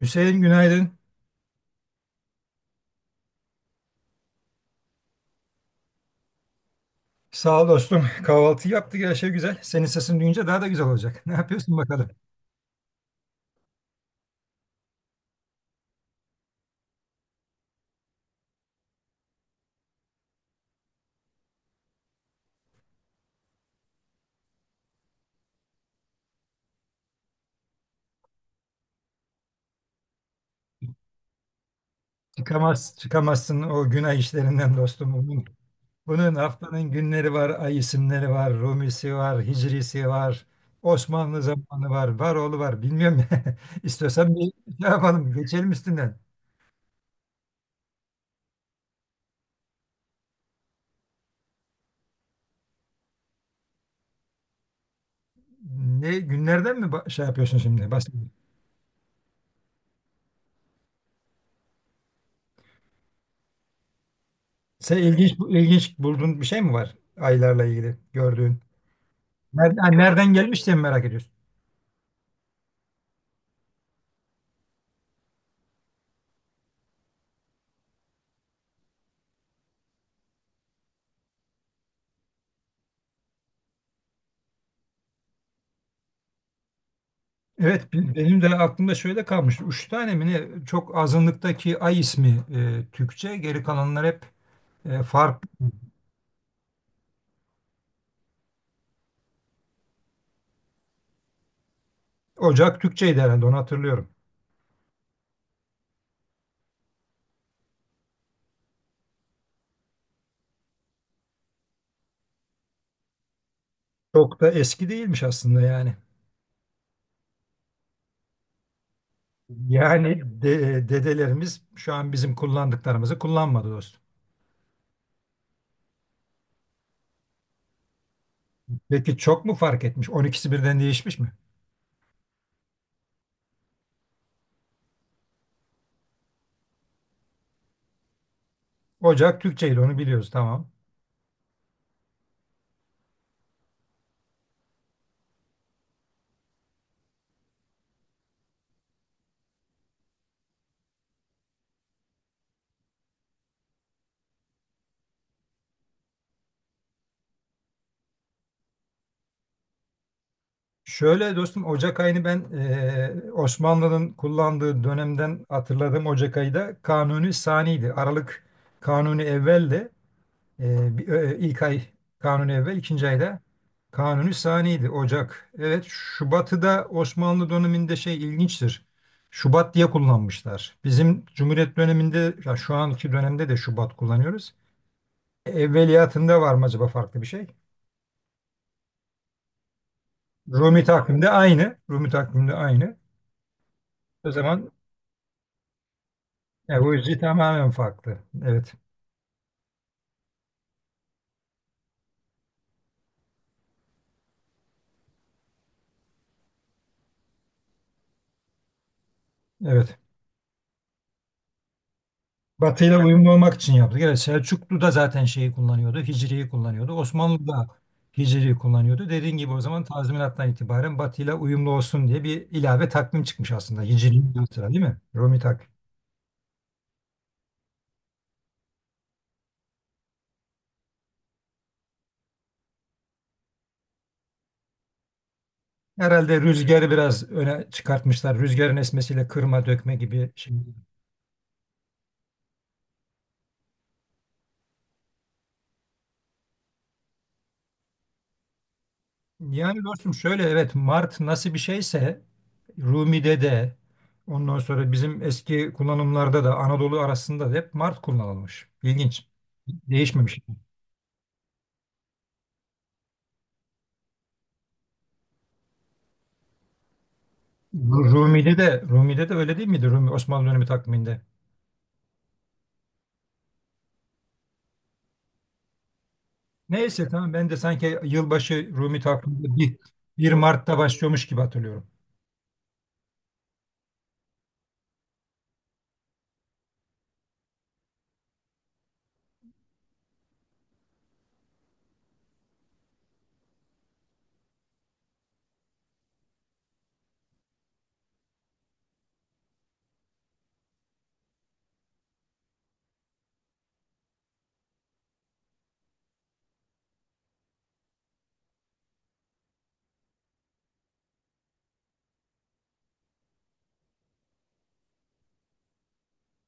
Hüseyin günaydın. Sağ ol dostum. Kahvaltı yaptık, her şey güzel. Senin sesini duyunca daha da güzel olacak. Ne yapıyorsun bakalım? Çıkamaz, çıkamazsın o günah işlerinden dostum. Bunun haftanın günleri var, ay isimleri var, Rumisi var, Hicrisi var, Osmanlı zamanı var, Varoğlu var. Bilmiyorum. İstiyorsan bir şey yapalım, geçelim üstünden. Ne günlerden mi şey yapıyorsun şimdi? Bahsediyorsun. Sen ilginç bulduğun bir şey mi var aylarla ilgili gördüğün? Nereden gelmiş diye mi merak ediyorsun? Evet, benim de aklımda şöyle kalmış. Üç tane mi ne? Çok azınlıktaki Ay ismi Türkçe. Geri kalanlar hep farklı. Ocak Türkçeydi herhalde, onu hatırlıyorum. Çok da eski değilmiş aslında yani. Yani dedelerimiz şu an bizim kullandıklarımızı kullanmadı dostum. Peki çok mu fark etmiş? On ikisi birden değişmiş mi? Ocak Türkçeydi, onu biliyoruz, tamam. Şöyle dostum, Ocak ayını ben Osmanlı'nın kullandığı dönemden hatırladığım Ocak ayı da Kanuni Sani'ydi. Aralık Kanuni Evvel'di. İlk ay Kanuni Evvel, ikinci ayda Kanuni Sani'ydi Ocak. Evet, Şubat'ı da Osmanlı döneminde şey, ilginçtir. Şubat diye kullanmışlar. Bizim Cumhuriyet döneminde, ya şu anki dönemde de Şubat kullanıyoruz. Evveliyatında var mı acaba farklı bir şey? Rumi takvimde aynı. Rumi takvimde aynı. O zaman ya bu yüzden tamamen farklı. Evet. Evet. Batı'yla uyumlu olmak için yaptık. Evet, Selçuklu da zaten şeyi kullanıyordu. Hicri'yi kullanıyordu. Osmanlı da Hicri'yi kullanıyordu. Dediğin gibi o zaman tazminattan itibaren Batı'yla uyumlu olsun diye bir ilave takvim çıkmış aslında. Hicri'nin yanı sıra, değil mi? Rumi takvim. Herhalde rüzgarı biraz öne çıkartmışlar. Rüzgarın esmesiyle kırma dökme gibi şey. Yani dostum şöyle, evet, Mart nasıl bir şeyse Rumi'de de, ondan sonra bizim eski kullanımlarda da Anadolu arasında da hep Mart kullanılmış. İlginç. Değişmemiş. Rumi'de de Rumi'de de öyle değil miydi, Rumi Osmanlı dönemi takviminde? Neyse tamam, ben de sanki yılbaşı Rumi takviminde bir, 1 Mart'ta başlıyormuş gibi hatırlıyorum.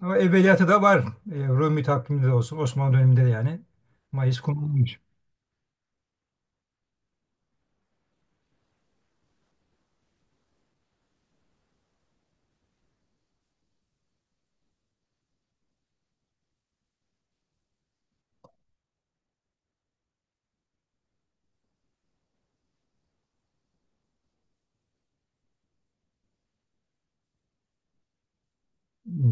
Ama evveliyatı da var. Rumi takviminde de olsun, Osmanlı döneminde de yani Mayıs kullanılmış.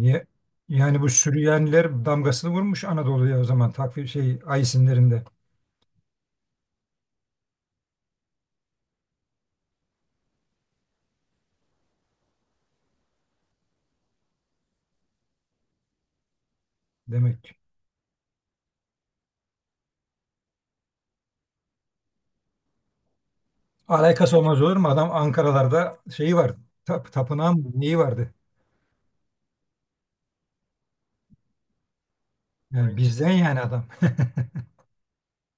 Ye- Yani bu Süryaniler damgasını vurmuş Anadolu'ya, o zaman takvim şey, ay isimlerinde demek. Alakası olmaz olur mu? Adam Ankaralarda şeyi var. Tapınağı mı neyi vardı? Yani bizden yani adam.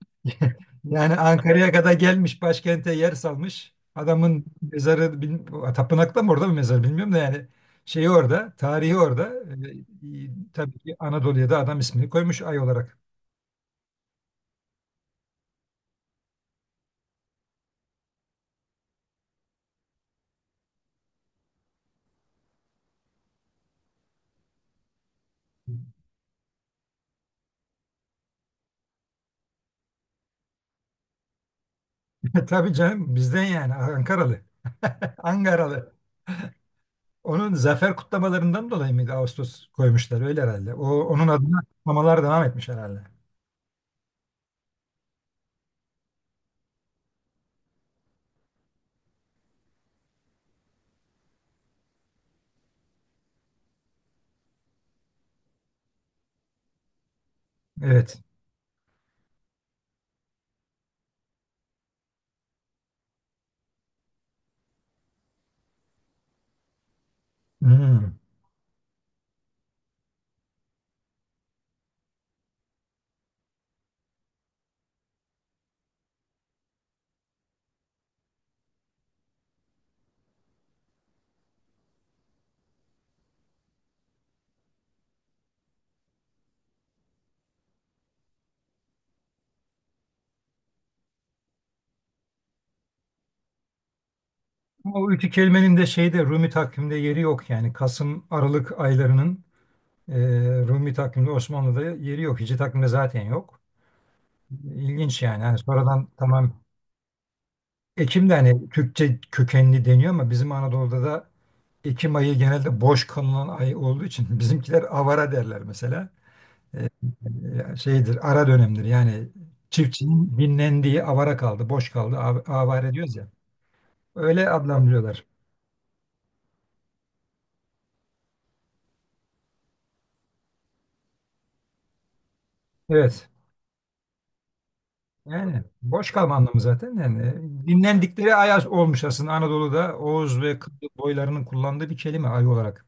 Yani Ankara'ya kadar gelmiş, başkente yer salmış. Adamın mezarı tapınakta mı, orada mı mezarı bilmiyorum da yani, şeyi orada, tarihi orada. Tabii ki Anadolu'ya da adam ismini koymuş ay olarak. Tabii canım, bizden yani, Ankaralı. Ankaralı. Onun zafer kutlamalarından dolayı mı Ağustos koymuşlar öyle herhalde. O onun adına kutlamalar devam etmiş herhalde. Evet. Hmm. Ama o iki kelimenin de şeyde, Rumi takvimde yeri yok yani, Kasım Aralık aylarının e, Rumi takvimde, Osmanlı'da yeri yok. Hicri takvimde zaten yok. İlginç yani. Hani sonradan tamam. Ekim de hani Türkçe kökenli deniyor ama bizim Anadolu'da da Ekim ayı genelde boş kalınan ay olduğu için bizimkiler avara derler mesela. Şeydir, ara dönemdir. Yani çiftçinin dinlendiği, avara kaldı, boş kaldı. Avare diyoruz ya. Öyle adlandırıyorlar. Evet. Yani boş kalma anlamı zaten yani dinlendikleri ay olmuş aslında Anadolu'da Oğuz ve Kıbrıs boylarının kullandığı bir kelime, ay olarak.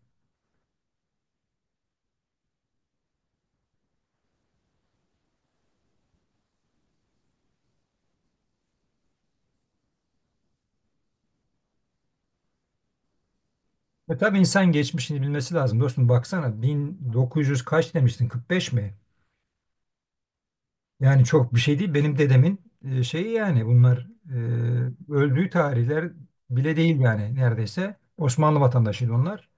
E tabii, insan geçmişini bilmesi lazım. Dostum baksana, 1900 kaç demiştin, 45 mi? Yani çok bir şey değil. Benim dedemin şeyi yani, bunlar öldüğü tarihler bile değil yani neredeyse. Osmanlı vatandaşıydı onlar.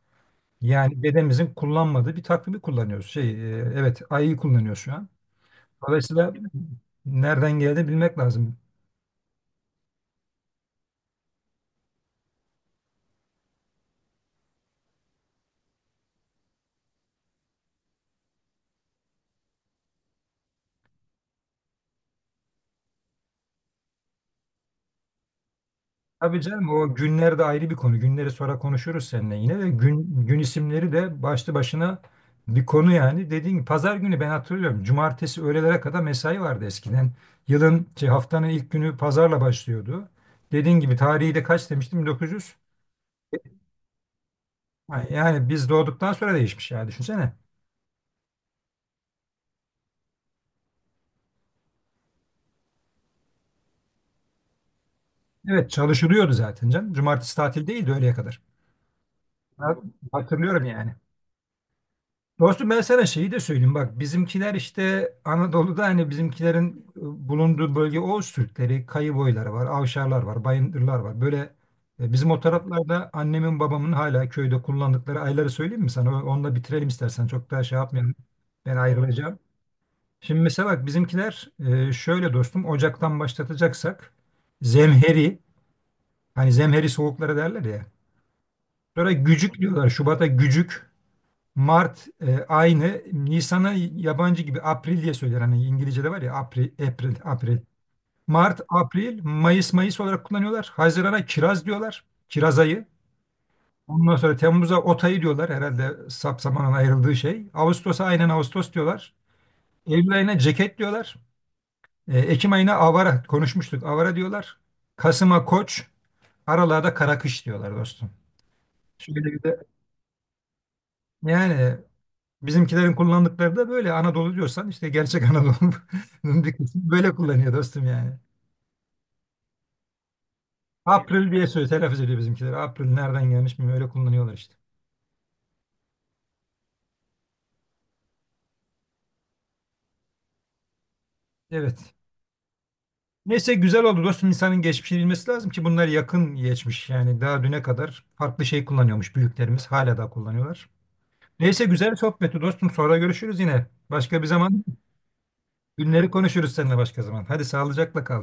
Yani bedenimizin kullanmadığı bir takvimi kullanıyoruz. Şey, evet, ayı kullanıyoruz şu an. Dolayısıyla nereden geldi bilmek lazım. Tabii canım, o günler de ayrı bir konu. Günleri sonra konuşuruz seninle yine de, gün isimleri de başlı başına bir konu yani. Dediğin gibi pazar günü ben hatırlıyorum. Cumartesi öğlelere kadar mesai vardı eskiden. Yılın şey, haftanın ilk günü pazarla başlıyordu. Dediğin gibi tarihi de kaç demiştim, 1900. Yani biz doğduktan sonra değişmiş yani, düşünsene. Evet, çalışılıyordu zaten canım. Cumartesi tatil değildi, öğleye kadar. Ben hatırlıyorum yani. Dostum, ben sana şeyi de söyleyeyim. Bak bizimkiler işte Anadolu'da, hani bizimkilerin bulunduğu bölge, Oğuz Türkleri, Kayı boyları var, Avşarlar var, Bayındırlar var. Böyle bizim o taraflarda annemin babamın hala köyde kullandıkları ayları söyleyeyim mi sana? Onunla bitirelim istersen. Çok daha şey yapmayalım. Ben ayrılacağım. Şimdi mesela bak bizimkiler şöyle dostum, Ocak'tan başlatacaksak zemheri, hani zemheri soğukları derler ya. Sonra gücük diyorlar. Şubat'a gücük. Mart aynı. Nisan'a yabancı gibi April diye söyler. Hani İngilizce'de var ya, April, April, April. Mart, April, Mayıs, Mayıs olarak kullanıyorlar. Haziran'a kiraz diyorlar. Kiraz ayı. Ondan sonra Temmuz'a ot ayı diyorlar. Herhalde sap ayrıldığı şey. Ağustos'a aynen Ağustos diyorlar. Eylül ayına ceket diyorlar. Ekim ayına avara konuşmuştuk. Avara diyorlar. Kasım'a koç. Aralığa da kara kış diyorlar dostum. Şöyle bir de yani, bizimkilerin kullandıkları da böyle, Anadolu diyorsan işte gerçek Anadolu'nun bir kısmı böyle kullanıyor dostum yani. April diye söylüyor, telaffuz ediyor bizimkiler. April nereden gelmiş mi öyle kullanıyorlar işte. Evet. Neyse güzel oldu dostum, İnsanın geçmişini bilmesi lazım ki bunlar yakın geçmiş yani, daha düne kadar farklı şey kullanıyormuş büyüklerimiz, hala da kullanıyorlar. Neyse güzel sohbetti dostum, sonra görüşürüz yine. Başka bir zaman günleri konuşuruz seninle, başka zaman. Hadi sağlıcakla kal.